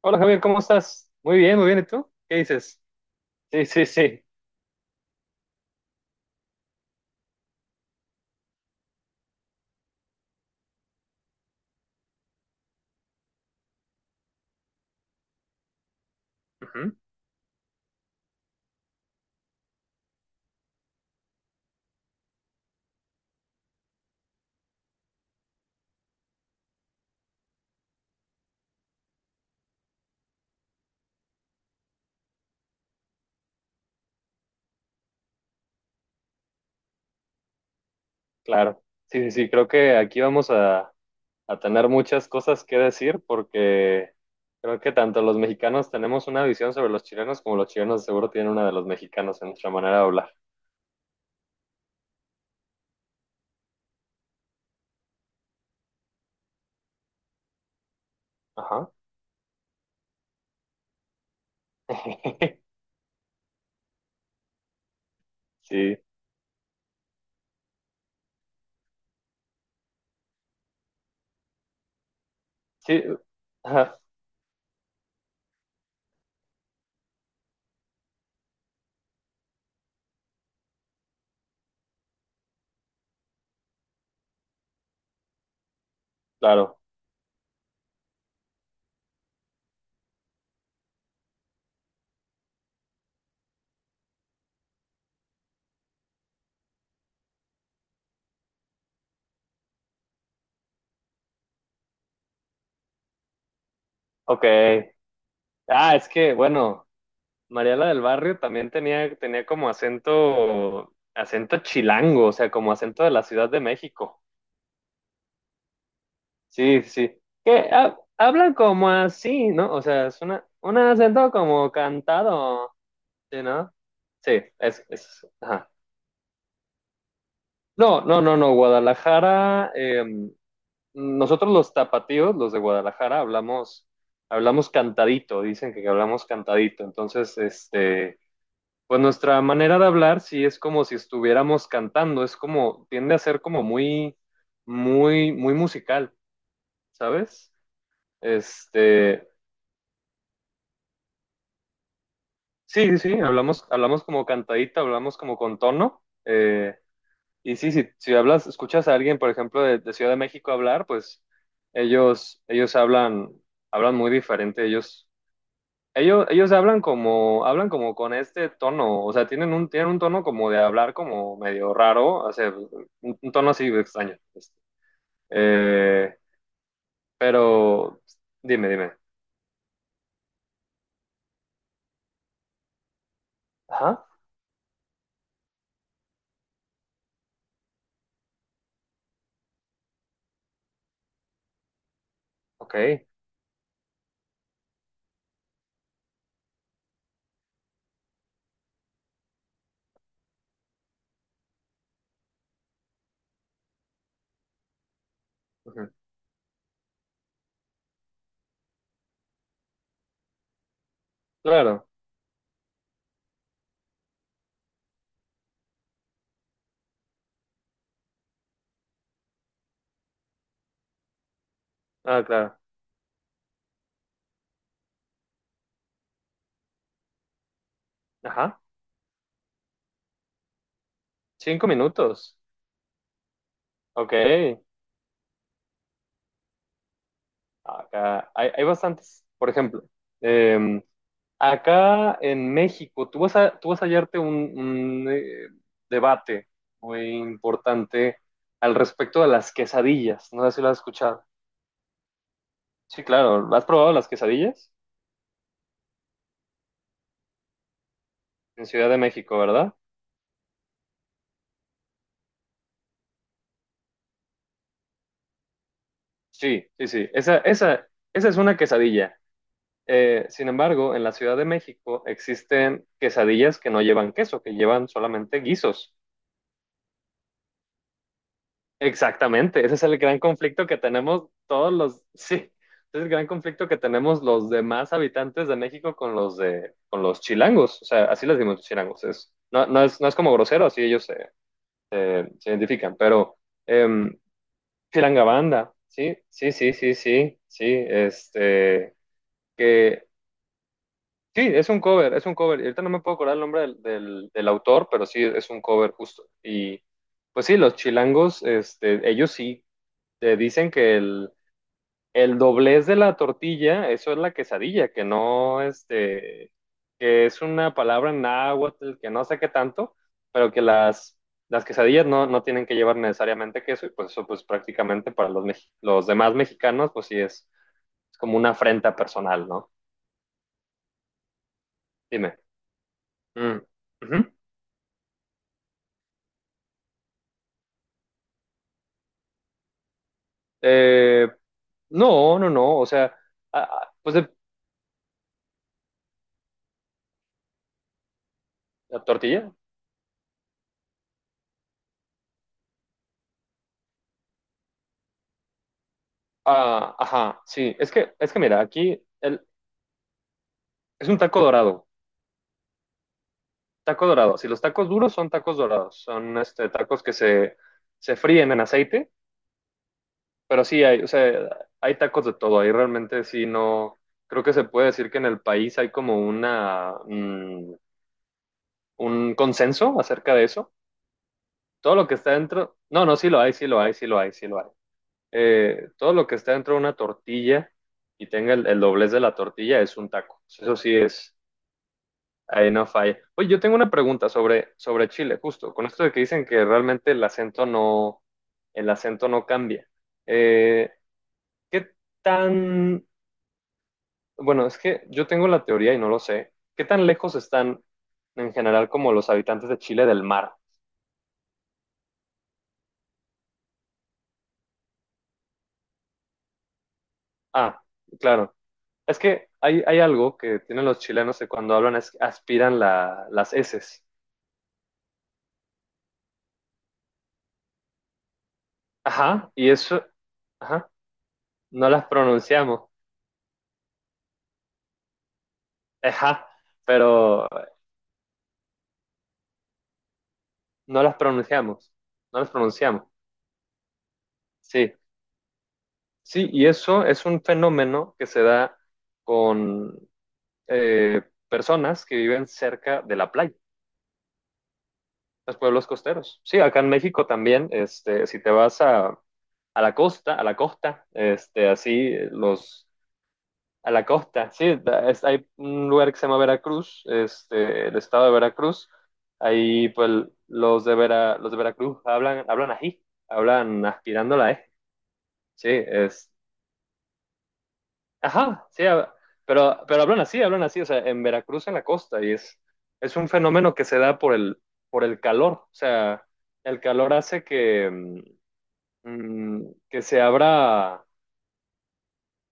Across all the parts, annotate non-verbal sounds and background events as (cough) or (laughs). Hola Javier, ¿cómo estás? Muy bien, muy bien. ¿Y tú? ¿Qué dices? Sí, sí, sí. Ujú, claro. Sí, sí, sí. Creo que aquí vamos a tener muchas cosas que decir, porque creo que tanto los mexicanos tenemos una visión sobre los chilenos, como los chilenos seguro tienen una de los mexicanos en nuestra manera de hablar. Ajá. (laughs) Sí, sí. Ajá, claro. Ok. Ah, es que, bueno, Mariela del Barrio también tenía como acento, acento chilango, o sea, como acento de la Ciudad de México. Sí, sí, sí. Que hablan como así, ¿no? O sea, es un acento como cantado, ¿sí, no? Sí, es, ajá. No, no, no, no, Guadalajara, nosotros los tapatíos, los de Guadalajara, hablamos, cantadito, dicen que hablamos cantadito. Entonces, este, pues nuestra manera de hablar sí es como si estuviéramos cantando, es como, tiende a ser como muy, muy, muy musical, ¿sabes? Este, sí, sí, sí, hablamos como cantadita, hablamos como con tono. Y sí, si hablas, escuchas a alguien, por ejemplo, de Ciudad de México hablar, pues ellos hablan muy diferente. Ellos, ellos hablan como con este tono. O sea, tienen un tono como de hablar como medio raro, o sea, un tono así extraño. Este. Eh, pero dime, dime. Ajá, ok. Ujú, claro, ah, claro. Ajá, cinco minutos. Ok, acá hay, hay bastantes. Por ejemplo, eh, acá en México, tú vas a hallarte un debate muy importante al respecto de las quesadillas. No sé si lo has escuchado. Sí, claro. ¿Has probado las quesadillas? En Ciudad de México, ¿verdad? Sí, sí, sí. Esa, esa es una quesadilla. Sin embargo, en la Ciudad de México existen quesadillas que no llevan queso, que llevan solamente guisos. Exactamente, ese es el gran conflicto que tenemos todos los, sí, ese es el gran conflicto que tenemos los demás habitantes de México con los de, con los chilangos, o sea, así les decimos chilangos, es, no, no es como grosero, así ellos se identifican, pero em, chilanga banda, sí, sí, sí, sí, sí, sí, este, que, sí, es un cover, y ahorita no me puedo acordar el nombre del autor, pero sí, es un cover justo, y pues sí, los chilangos, este, ellos sí te dicen que el doblez de la tortilla, eso es la quesadilla, que no, este, que es una palabra en náhuatl, que no sé qué tanto, pero que las quesadillas no tienen que llevar necesariamente queso, y pues eso, pues prácticamente para los demás mexicanos, pues sí es como una afrenta personal, ¿no? Dime. Mm. Ujú. Eh, no, no, no, o sea, ah, ah, pues de la tortilla. Ah, ajá, sí, es que mira, aquí el, es un taco dorado. Taco dorado. Si los tacos duros son tacos dorados, son este, tacos que se fríen en aceite, pero sí hay, o sea, hay tacos de todo. Ahí realmente sí no, creo que se puede decir que en el país hay como un consenso acerca de eso. Todo lo que está dentro, no, no, sí lo hay, sí lo hay, sí lo hay, sí lo hay. Todo lo que está dentro de una tortilla y tenga el doblez de la tortilla es un taco. Eso sí es. Ahí no falla. Oye, yo tengo una pregunta sobre Chile, justo, con esto de que dicen que realmente el acento no cambia. Eh, ¿Qué tan, bueno, es que yo tengo la teoría y no lo sé, ¿qué tan lejos están en general como los habitantes de Chile del mar? Ah, claro. Es que hay algo que tienen los chilenos, que cuando hablan es que aspiran las eses. Ajá, y eso, ajá, no las pronunciamos. Ajá, pero No las pronunciamos, no las pronunciamos Sí, sí, y eso es un fenómeno que se da con eh, personas que viven cerca de la playa, los pueblos costeros. Sí, acá en México también, este, si te vas a la costa, este, así los, a la costa, sí, hay un lugar que se llama Veracruz, este, el estado de Veracruz, ahí pues los de Veracruz hablan ají, hablan aspirando la E. Sí, ajá, sí, pero hablan así, o sea, en Veracruz, en la costa, y es un fenómeno que se da por el calor, o sea, el calor hace que, mm, que se abra,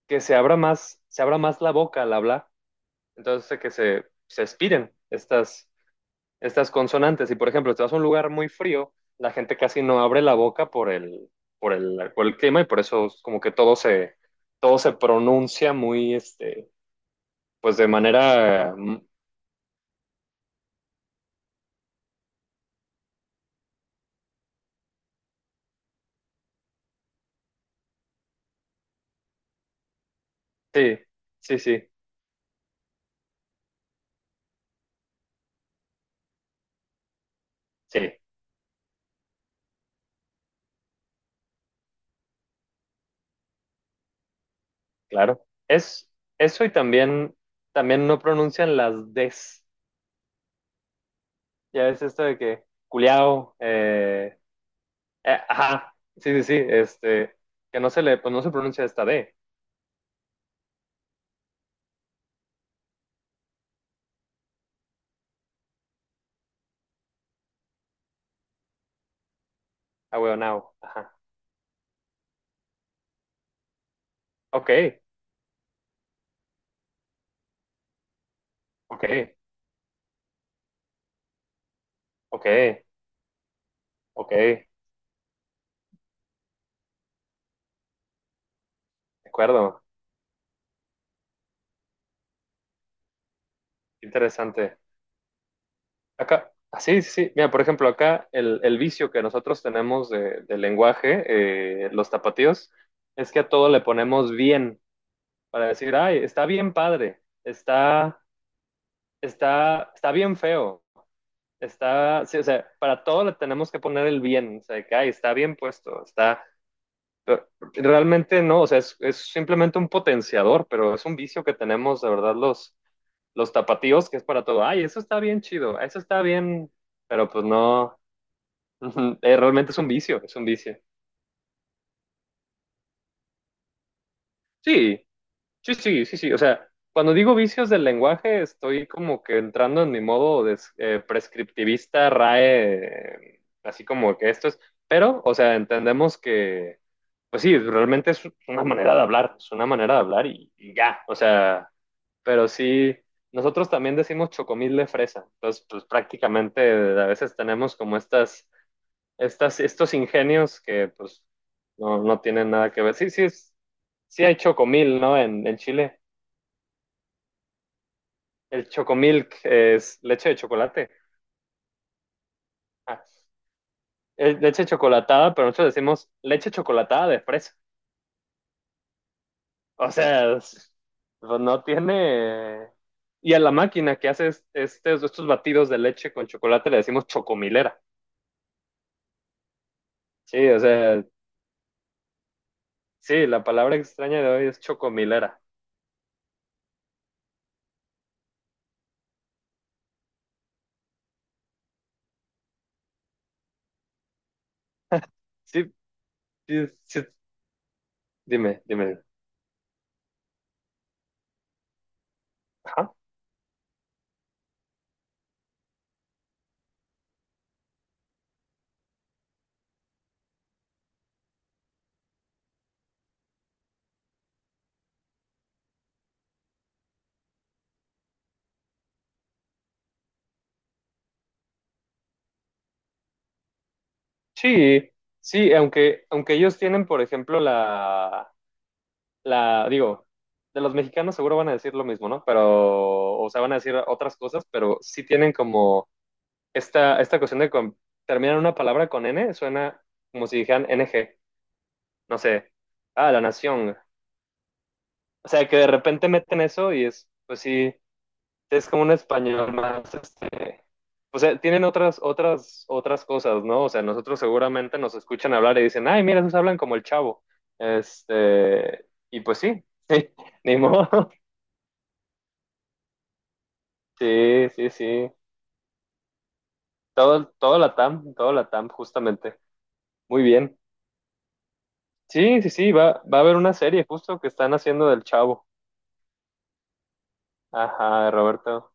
que se abra más, se abra más la boca al hablar, entonces hace que se expiren estas, estas consonantes, y por ejemplo, si te vas a un lugar muy frío, la gente casi no abre la boca por el, por el clima, y por eso es como que todo se pronuncia muy, este. Pues de manera, mm, sí, sí, sí, sí, claro. Es eso, y también no pronuncian las des. Ya es esto de que culiao, ajá, sí, sí, sí, este, que no se le, pues no se pronuncia esta d, ahueonao, ajá. Ok, ok, ok, ok, de acuerdo, interesante. Acá, ah, sí, sí, sí. Mira, por ejemplo, acá el vicio que nosotros tenemos del lenguaje, los tapatíos, es que a todo le ponemos bien, para decir, ay, está bien padre, está, está bien feo, está, sí, o sea, para todo le tenemos que poner el bien, o sea, que ay, está bien puesto, está, pero realmente no, o sea, es simplemente un potenciador, pero es un vicio que tenemos, de verdad, los tapatíos, que es para todo, ay, eso está bien chido, eso está bien, pero pues no. Ujú, realmente es un vicio, es un vicio. Sí, sí, sí, sí, sí. O sea, cuando digo vicios del lenguaje, estoy como que entrando en mi modo de, prescriptivista, RAE, así como que esto es. Pero, o sea, entendemos que, pues sí, realmente es una manera de hablar, es una manera de hablar, y ya. O sea, pero sí, nosotros también decimos chocomil de fresa. Entonces, pues prácticamente a veces tenemos como estas, estos ingenios, que pues no, no tienen nada que ver. Sí, sí, es, sí hay chocomil, ¿no? En Chile. El chocomilk es leche de chocolate. Ah, es leche chocolatada, pero nosotros decimos leche chocolatada de fresa. O sea, pues no tiene... Y a la máquina que hace estos batidos de leche con chocolate le decimos chocomilera. Sí, o sea, sí, la palabra extraña de hoy es chocomilera. Sí, sí, sí, dime, dime. Ajá. Sí, sí, aunque ellos tienen, por ejemplo, la, digo, de los mexicanos seguro van a decir lo mismo, ¿no? Pero, o sea, van a decir otras cosas, pero sí tienen como esta cuestión de terminar una palabra con N, suena como si dijeran n g, no sé, ah, la nación. O sea, que de repente meten eso, y es, pues sí. Es como un español más, este, o sea, tienen otras cosas, ¿no? O sea, nosotros seguramente nos escuchan hablar y dicen, ay, mira, esos hablan como el chavo. Este, y pues sí, sí, (laughs) ni modo. Sí, sí, sí. Todo la TAM, todo la TAM, justamente. Muy bien. Sí, sí, sí, va a haber una serie justo que están haciendo del chavo. Ajá, Roberto.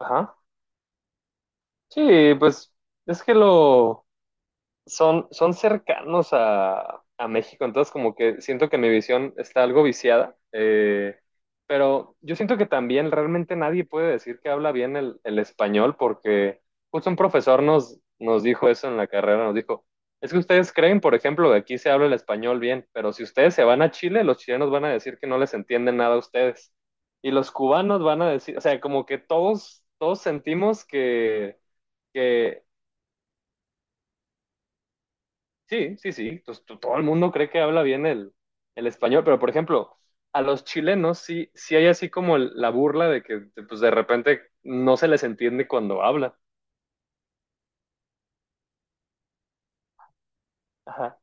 Ajá. Sí, pues es que lo, son cercanos a México, entonces como que siento que mi visión está algo viciada, pero yo siento que también realmente nadie puede decir que habla bien el español, porque justo un profesor nos dijo eso en la carrera, nos dijo, es que ustedes creen, por ejemplo, que aquí se habla el español bien, pero si ustedes se van a Chile, los chilenos van a decir que no les entienden nada a ustedes. Y los cubanos van a decir, o sea, como que todos sentimos que. Sí, sí, sí. Entonces todo el mundo cree que habla bien el español, pero por ejemplo, a los chilenos sí, sí hay así como la burla de que pues, de repente no se les entiende cuando hablan. Ajá.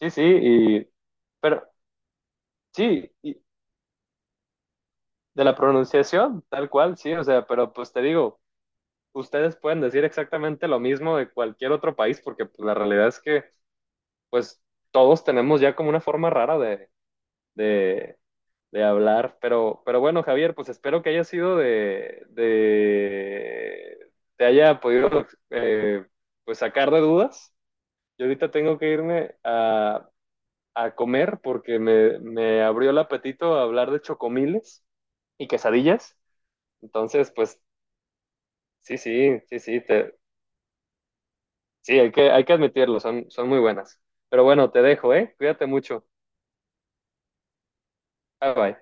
Sí, sí, y, pero sí, y de la pronunciación, tal cual, sí, o sea, pero pues te digo, ustedes pueden decir exactamente lo mismo de cualquier otro país, porque pues, la realidad es que pues todos tenemos ya como una forma rara de, de de hablar. Pero bueno, Javier, pues espero que haya sido de te haya podido pues sacar de dudas. Yo ahorita tengo que irme a comer, porque me abrió el apetito a hablar de chocomiles y quesadillas. Entonces, pues sí, sí, sí, sí, te, sí, hay que admitirlo, son muy buenas. Pero bueno, te dejo, ¿eh? Cuídate mucho. Bye bye.